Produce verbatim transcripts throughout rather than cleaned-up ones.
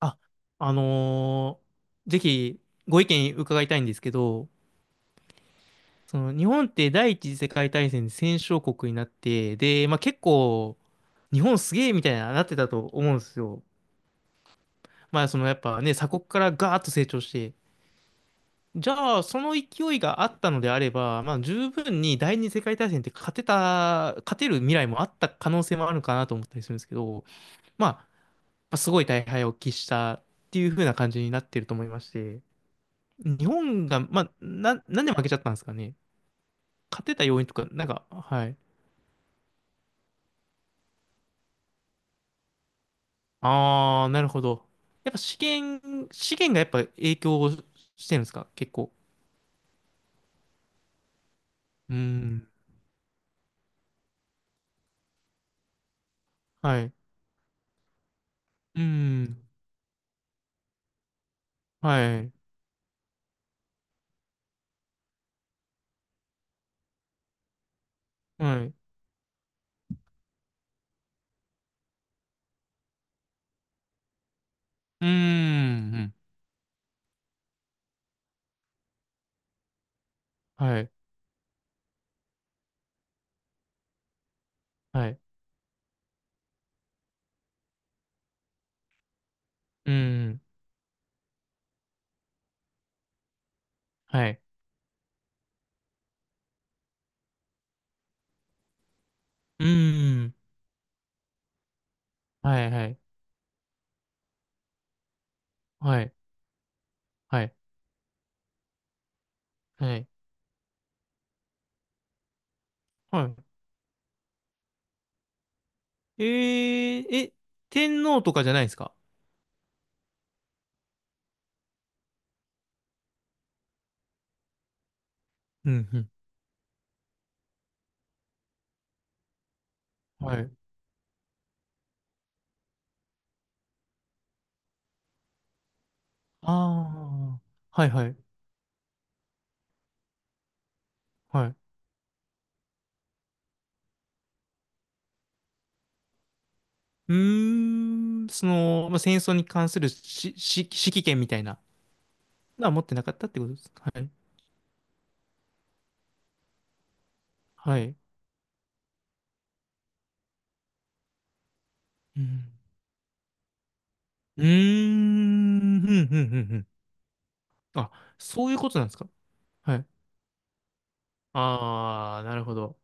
あ、あのーぜひご意見伺いたいんですけど、その日本って第一次世界大戦で戦勝国になって、で、まあ、結構、日本すげえみたいななってたと思うんですよ。まあ、そのやっぱね、鎖国からガーッと成長して、じゃあ、その勢いがあったのであれば、まあ、十分に第二次世界大戦って勝てた、勝てる未来もあった可能性もあるのかなと思ったりするんですけど、まあ、やっぱすごい大敗を喫したっていう風な感じになってると思いまして。日本が、まあ、な、なんで負けちゃったんですかね。勝てた要因とか、なんか、はい。あー、なるほど。やっぱ資源、資源がやっぱ影響をしてるんですか、結構。うーん。はい。うーん。はい。はい。うーん。はい。はい。うーん。はい。うーん。はい。はい。はい。はい。はい。はい。えー、え、天皇とかじゃないですか？うん。うん。はい。あー。はい。はい。はい。うーん、その、まあ、戦争に関するし、し、指揮権みたいなのは持ってなかったってことですか。はい。はい。うん。うーん、ふんふんふんふん。あ、そういうことなんですか。はい。ああ、なるほど。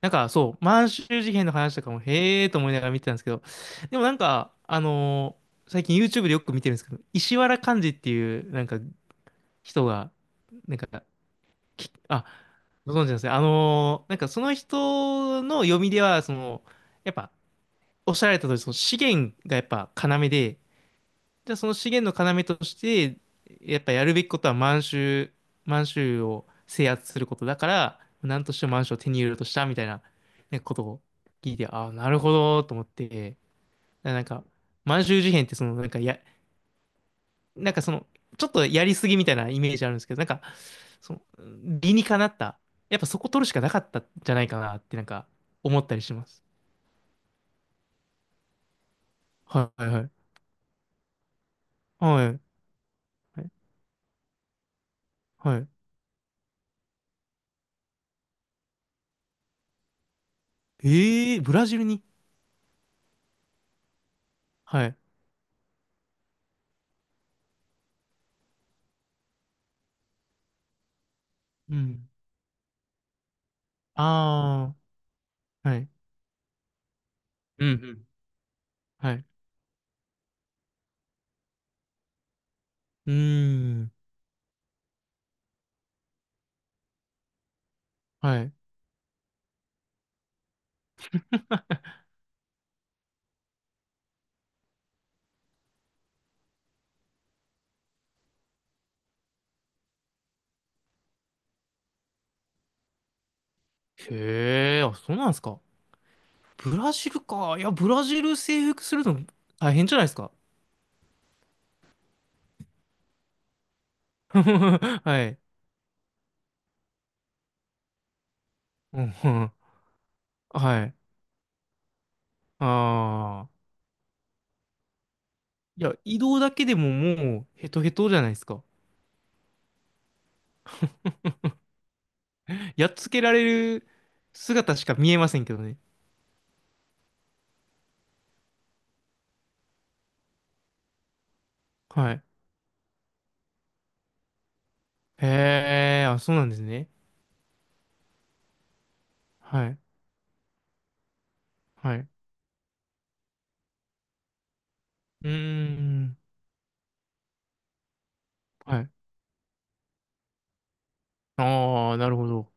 なんか、そう、満州事変の話とかも、へえーと思いながら見てたんですけど、でもなんか、あのー最近 YouTube でよく見てるんですけど、石原幹二っていう、なんか、人が、なんか、きあ、ご存知なんですね。あのーなんかその人の読みでは、その、やっぱ、おっしゃられた通り、その資源がやっぱ要で、じゃあその資源の要として、やっぱやるべきことは満州、満州を制圧することだから、何としても満州を手に入れようとしたみたいな、ね、ことを聞いて、ああ、なるほど、と思って、なんか、満州事変ってその、なんかや、なんかその、ちょっとやりすぎみたいなイメージあるんですけど、なんか、その、理にかなった、やっぱそこ取るしかなかったんじゃないかなってなんか思ったりします。はいはいはい。はい。はい。ええー、ブラジルに。はい。うん。ああ、はい。うんうん。はい。うーん。はい。へえ、あ、そうなんですか。ブラジルか。いや、ブラジル征服するの大変じゃないですか。はい。うん、うん。はい。ああ。いや、移動だけでももうヘトヘトじゃないですか。やっつけられる姿しか見えませんけどね。はい。へえ、あ、そうなんですね。はい。はい。うーん。はい。ああ、なるほど。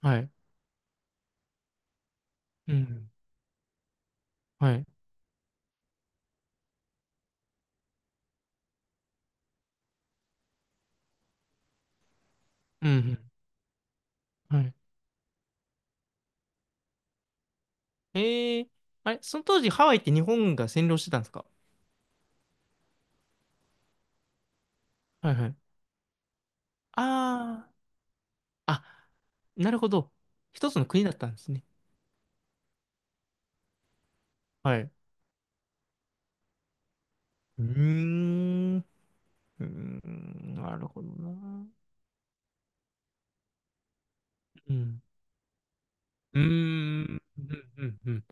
はい。うん。はい。うん。はい。ええ、あれ、その当時ハワイって日本が占領してたんですか？はいはい。ああ、あ、なるほど。一つの国だったんですね。はい。うーん。うーん、なるほどな。うん。うーん、うんうん、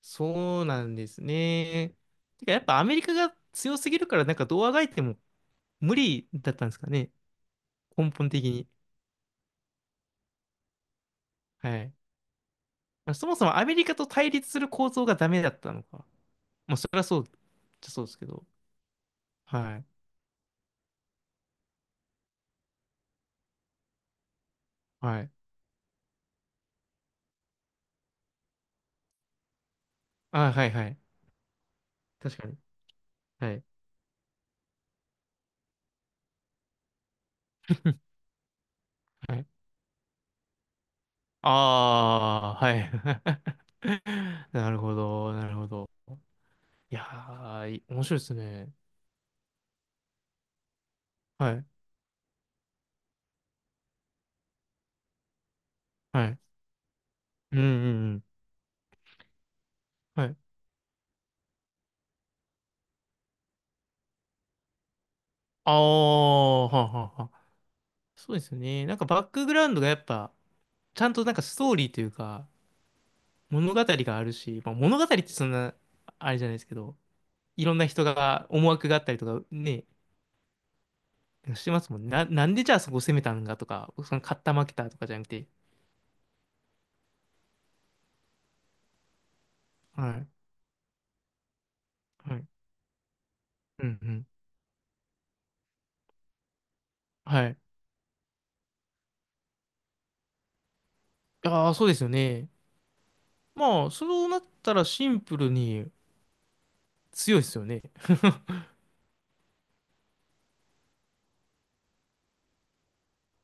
そうなんですね。てか、やっぱアメリカが強すぎるから、なんかどうあがいても無理だったんですかね。根本的に。はい。そもそもアメリカと対立する構造がダメだったのか。まあ、それはそう、そうですけど。はい。はい。あ、はいはい。確かに。はい。はい。ああ、はい。なるほど、なるほど。いやー、い面白いですね。はい。はい。うんうんうん。はい。ああ、はあはあはあ。そうですね。なんかバックグラウンドがやっぱ、ちゃんとなんかストーリーというか、物語があるし、まあ、物語ってそんな、あれじゃないですけど、いろんな人が思惑があったりとかね、してますもんね。な、なんでじゃあそこ攻めたんだとか、その勝った負けたとかじゃなくて。はい。はい。うんうん。はい。ああ、そうですよね。まあ、そうなったらシンプルに強いですよね。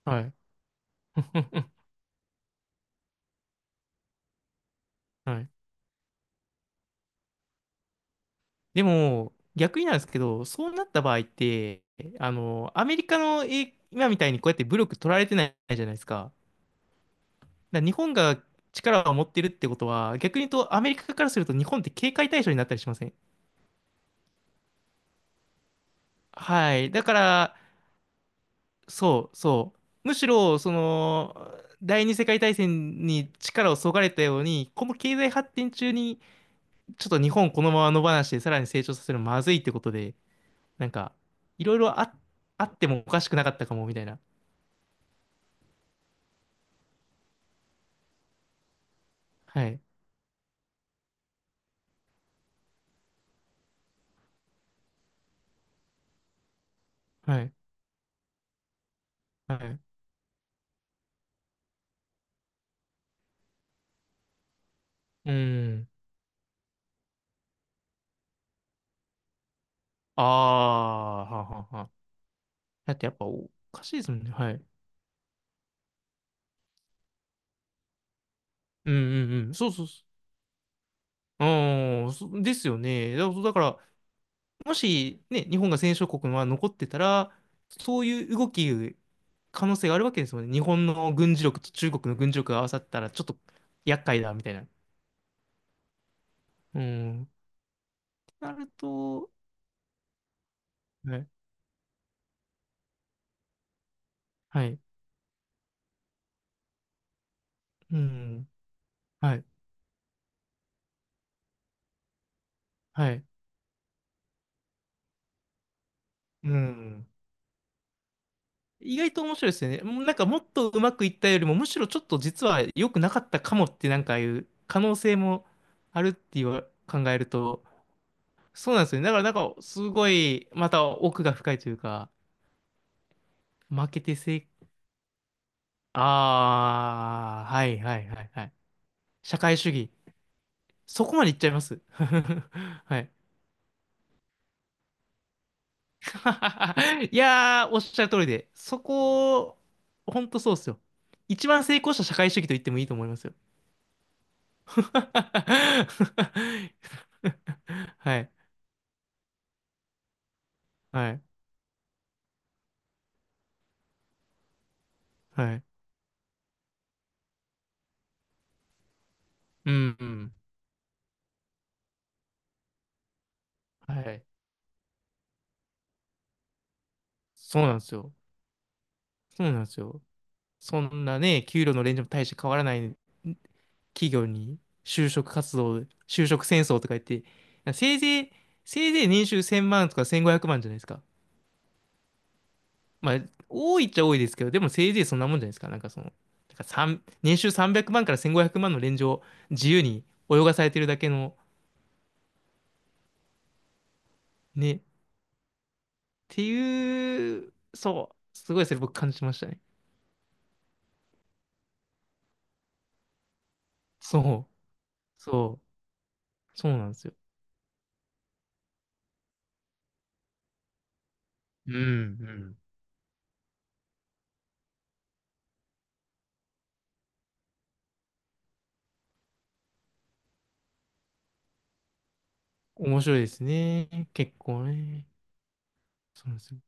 はい。はい。でも、逆になんですけど、そうなった場合って、あの、アメリカのえ今みたいにこうやって武力取られてないじゃないですか。だから日本が力を持ってるってことは、逆に言うとアメリカからすると日本って警戒対象になったりしません？はい。だから、そうそう。むしろ、その、第二次世界大戦に力をそがれたように、この経済発展中に、ちょっと日本このまま野放しでさらに成長させるのまずいってことで、なんか、いろいろあ、あってもおかしくなかったかもみたいな。はい、はい、はい。うん。ああ、はんはんはあ。だってやっぱおかしいですもんね。はい。うんうんうん。そうそうそう。うん、そですよね。だだから、もしね、日本が戦勝国は残ってたら、そういう動き、可能性があるわけですもんね。日本の軍事力と中国の軍事力が合わさったら、ちょっと厄介だ、みたいな。うん。ってなると、はい、はい、うん、はい、はい、うん。意外と面白いですよね。もうなんかもっとうまくいったよりも、むしろちょっと実は良くなかったかもってなんかいう可能性もあるっていう考えると、そうなんですよね。だからなんかすごい、また奥が深いというか、負けてせ、ああ、はいはいはいはい。社会主義。そこまでいっちゃいます。はい。いやー、おっしゃる通りで、そこ、ほんとそうっすよ。一番成功した社会主義と言ってもいいと思いますよ。はい、はい、はい。うん、うん、はい。そうなんですよ。そうなんですよ。そんなね、給料のレンジも大して変わらない企業に就職活動、就職戦争とか言って、せいぜい、せいぜい年収せんまんとかせんごひゃくまんじゃないですか。まあ、多いっちゃ多いですけど、でもせいぜいそんなもんじゃないですか。なんかその、だから三年収さんびゃくまんからせんごひゃくまんのレンジを自由に泳がされてるだけのね、ていう、そう、すごいそれ僕感じましたね。そう、そう、そうなんですよ。うん、うん。面白いですね。結構ね。そうなんですよ。